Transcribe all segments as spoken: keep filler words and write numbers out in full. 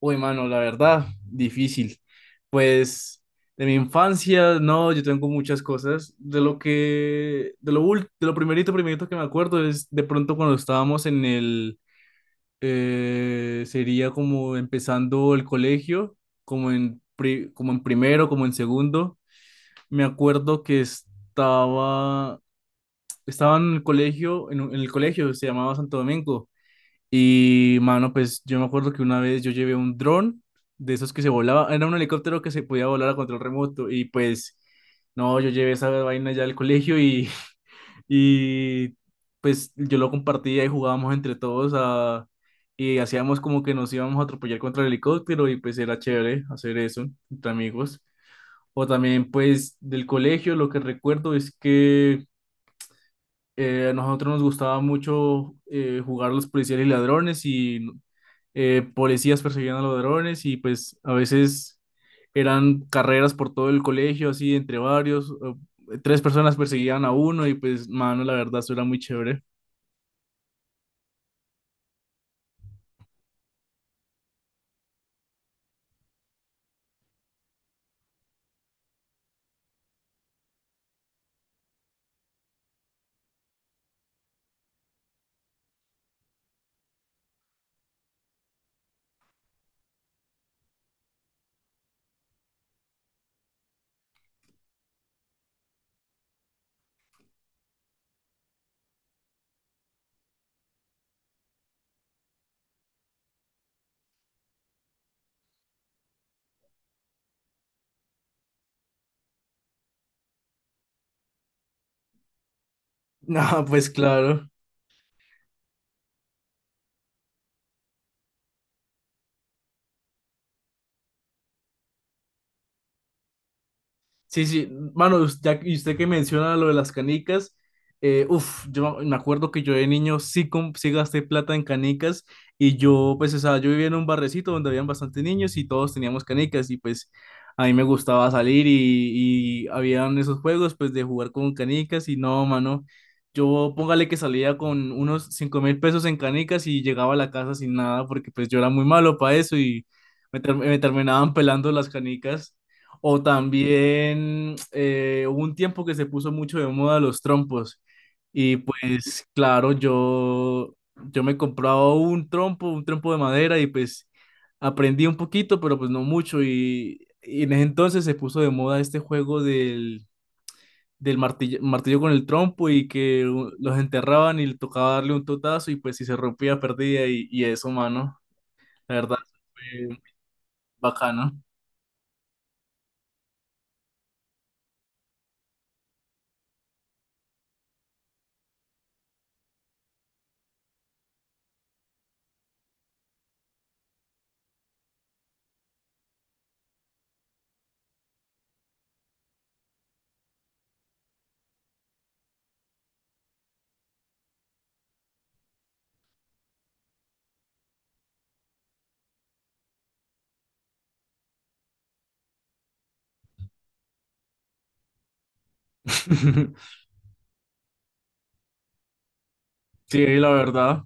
Uy, mano, la verdad, difícil. Pues de mi infancia, no, yo tengo muchas cosas. De lo que, de lo ul- de lo primerito, primerito que me acuerdo es de pronto cuando estábamos en el, eh, sería como empezando el colegio, como en, pri- como en primero, como en segundo. Me acuerdo que estaba, estaba en el colegio, en, un- en el colegio, se llamaba Santo Domingo. Y, mano, pues yo me acuerdo que una vez yo llevé un dron de esos que se volaba, era un helicóptero que se podía volar a control remoto y pues, no, yo llevé esa vaina ya al colegio y, y pues yo lo compartía y jugábamos entre todos a, y hacíamos como que nos íbamos a atropellar contra el helicóptero y pues era chévere hacer eso entre amigos. O también pues del colegio lo que recuerdo es que eh, a nosotros nos gustaba mucho eh, jugar los policías y ladrones y eh, policías perseguían a los ladrones y pues a veces eran carreras por todo el colegio, así entre varios, o- tres personas perseguían a uno y pues, mano, la verdad, eso era muy chévere. Ah, pues claro. Sí, sí, mano, us- ya, que- y usted que menciona lo de las canicas, eh, uf, yo me acuerdo que yo de niño sí, com- sí gasté plata en canicas y yo, pues, o sea, yo vivía en un barrecito donde habían bastantes niños y todos teníamos canicas y pues a mí me gustaba salir y, y habían esos juegos, pues, de jugar con canicas y no, mano, yo póngale que salía con unos cinco mil pesos en canicas y llegaba a la casa sin nada porque pues yo era muy malo para eso y me, ter- me terminaban pelando las canicas. O también eh, hubo un tiempo que se puso mucho de moda los trompos. Y pues claro, yo, yo me compraba un trompo, un trompo de madera y pues aprendí un poquito, pero pues no mucho. Y, y en ese entonces se puso de moda este juego del, del martillo, martillo con el trompo y que u- los enterraban y le tocaba darle un totazo y pues si se rompía perdía y, y eso, mano. La verdad, fue bacano. Sí, la verdad.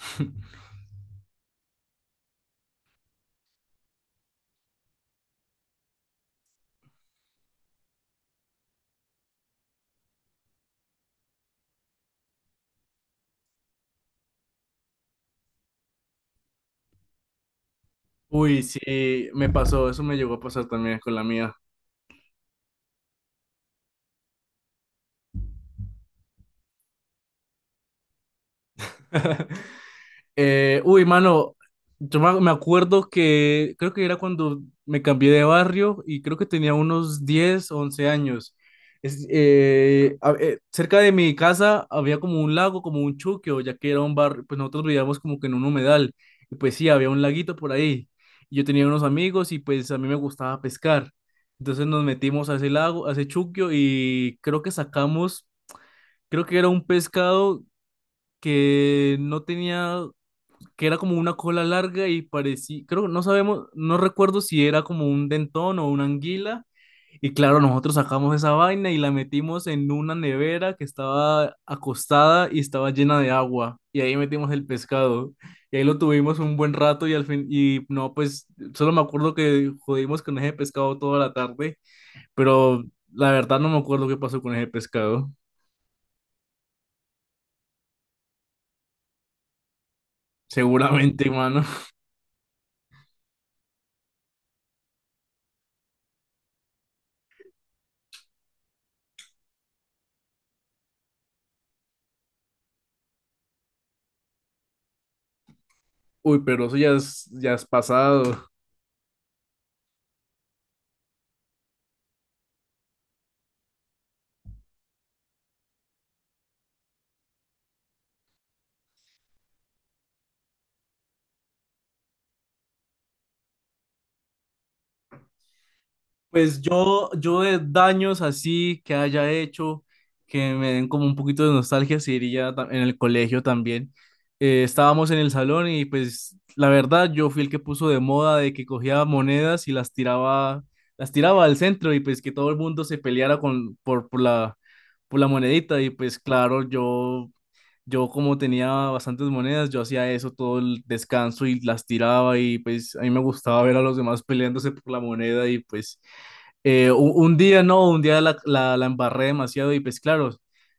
Uy, sí, me pasó, eso me llegó a pasar también con la mía. Eh, uy, mano, yo me me acuerdo que creo que era cuando me cambié de barrio y creo que tenía unos diez once años. Es- eh, a- eh, cerca de mi casa había como un lago, como un chuquio, ya que era un barrio, pues nosotros vivíamos como que en un humedal. Y pues sí, había un laguito por ahí. Y yo tenía unos amigos y pues a mí me gustaba pescar. Entonces nos metimos a ese lago, a ese chuquio y creo que sacamos. Creo que era un pescado que no tenía, que era como una cola larga y parecía, creo que no sabemos, no recuerdo si era como un dentón o una anguila. Y claro, nosotros sacamos esa vaina y la metimos en una nevera que estaba acostada y estaba llena de agua. Y ahí metimos el pescado. Y ahí lo tuvimos un buen rato y al fin, y no, pues solo me acuerdo que jodimos con ese pescado toda la tarde, pero la verdad no me acuerdo qué pasó con ese pescado. Seguramente, mano. Uy, pero eso ya es, ya es pasado. Pues yo, yo de daños así que haya hecho, que me den como un poquito de nostalgia, sí iría ta- en el colegio también. Eh, estábamos en el salón y pues la verdad yo fui el que puso de moda de que cogía monedas y las tiraba, las tiraba al centro y pues que todo el mundo se peleara con, por, por la, por la monedita y pues claro. yo Yo como tenía bastantes monedas, yo hacía eso todo el descanso y las tiraba y pues a mí me gustaba ver a los demás peleándose por la moneda y pues eh, u- un día no, un día la, la, la embarré demasiado y pues claro,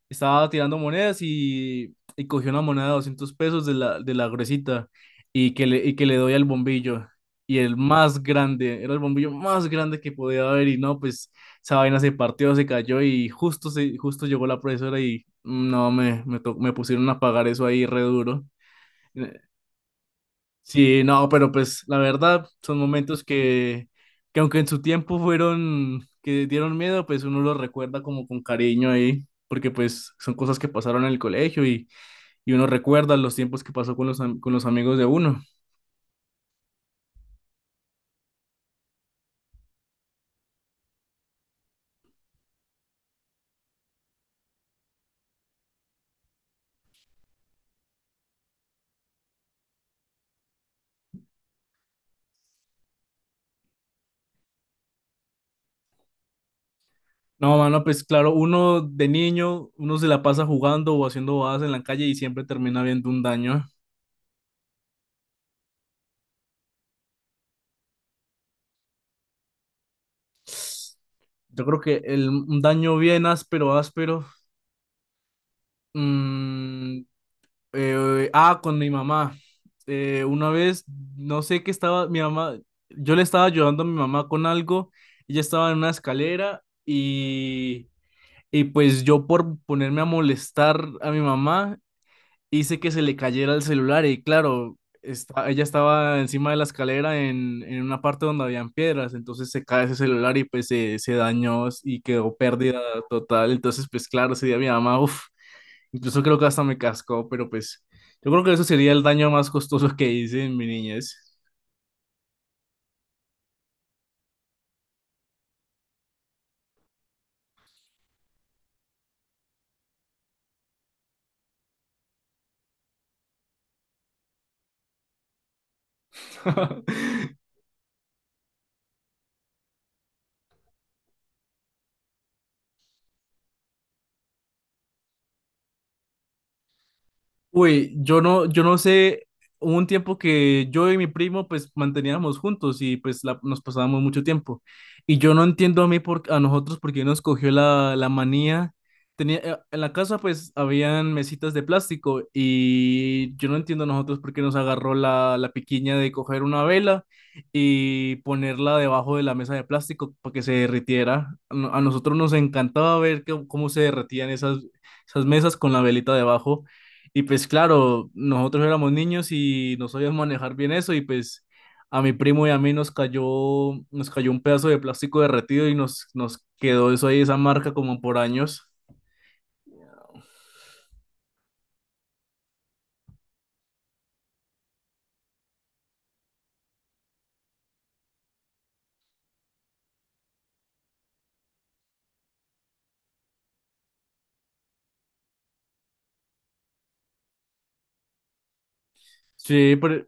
estaba tirando monedas y, y cogí una moneda de doscientos pesos de la, de la gruesita y que, le, y que le doy al bombillo. Y el más grande, era el bombillo más grande que podía haber y no, pues esa vaina se partió, se cayó y justo, se, justo llegó la profesora y no, me, me, to- me pusieron a pagar eso ahí re duro. Sí, no, pero pues la verdad son momentos que, que aunque en su tiempo fueron, que dieron miedo, pues uno los recuerda como con cariño ahí, porque pues son cosas que pasaron en el colegio y, y uno recuerda los tiempos que pasó con los, am- con los amigos de uno. No, mano, pues claro, uno de niño, uno se la pasa jugando o haciendo bobadas en la calle y siempre termina viendo un daño. Yo creo que el, un daño bien áspero, áspero, mm, Eh, ah, con mi mamá. Eh, una vez, no sé qué estaba, mi mamá, yo le estaba ayudando a mi mamá con algo, ella estaba en una escalera y, y pues yo por ponerme a molestar a mi mamá, hice que se le cayera el celular y claro, esta- ella estaba encima de la escalera en, en una parte donde habían piedras, entonces se cae ese celular y pues se, se dañó y quedó pérdida total, entonces pues claro, ese día mi mamá, uff. Incluso creo que hasta me cascó, pero pues yo creo que eso sería el daño más costoso que hice en mi niñez. Uy, yo no, yo no sé, hubo un tiempo que yo y mi primo pues manteníamos juntos y pues la- nos pasábamos mucho tiempo. Y yo no entiendo a mí por, a nosotros por qué nos cogió la, la manía. Tenía, eh, en la casa pues habían mesitas de plástico y yo no entiendo a nosotros por qué nos agarró la, la piquiña de coger una vela y ponerla debajo de la mesa de plástico para que se derritiera. A no- A nosotros nos encantaba ver que- cómo se derretían esas, esas mesas con la velita debajo. Y pues claro, nosotros éramos niños y no sabíamos manejar bien eso y pues a mi primo y a mí nos cayó, nos cayó un pedazo de plástico derretido y nos, nos quedó eso ahí, esa marca como por años. Sí, pero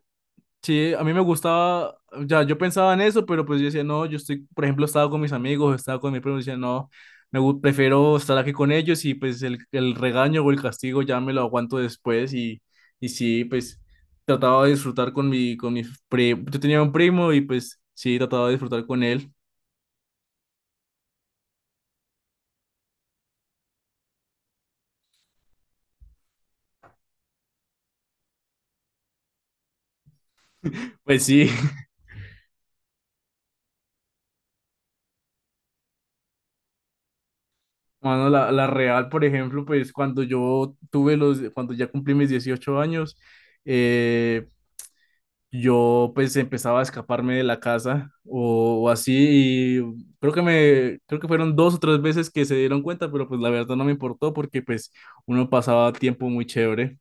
Sí, a mí me gustaba, ya yo pensaba en eso, pero pues yo decía, no, yo estoy, por ejemplo, estaba con mis amigos, estaba con mi primo, decía, no, me gu- prefiero estar aquí con ellos y pues el, el regaño o el castigo ya me lo aguanto después y, y sí, pues trataba de disfrutar con mi, con mi primo, yo tenía un primo y pues sí, trataba de disfrutar con él. Pues sí, bueno, la, la real, por ejemplo, pues cuando yo tuve los, cuando ya cumplí mis dieciocho años, eh, yo pues empezaba a escaparme de la casa o, o así y creo que me creo que fueron dos o tres veces que se dieron cuenta, pero pues la verdad no me importó porque pues uno pasaba tiempo muy chévere.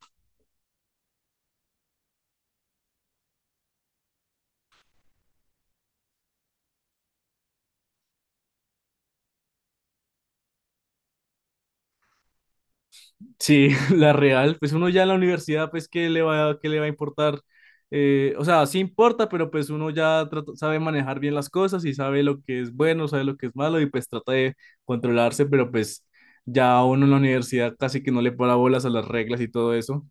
Sí, la real, pues uno ya en la universidad pues qué le va qué le va a importar. Eh, o sea, sí importa, pero pues uno ya trata- sabe manejar bien las cosas y sabe lo que es bueno, sabe lo que es malo y pues trata de controlarse, pero pues ya uno en la universidad casi que no le para bolas a las reglas y todo eso.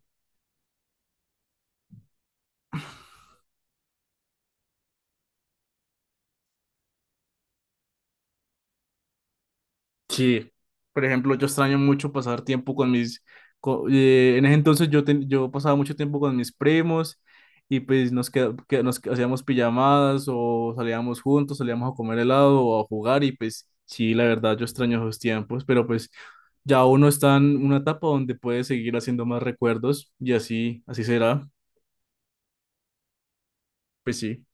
Sí, por ejemplo, yo extraño mucho pasar tiempo con mis, co- eh, en ese entonces yo, ten- yo pasaba mucho tiempo con mis primos y pues nos, queda- que- nos hacíamos pijamadas o salíamos juntos, salíamos a comer helado o a jugar y pues sí, la verdad yo extraño esos tiempos, pero pues ya uno está en una etapa donde puede seguir haciendo más recuerdos y así, así será, pues sí.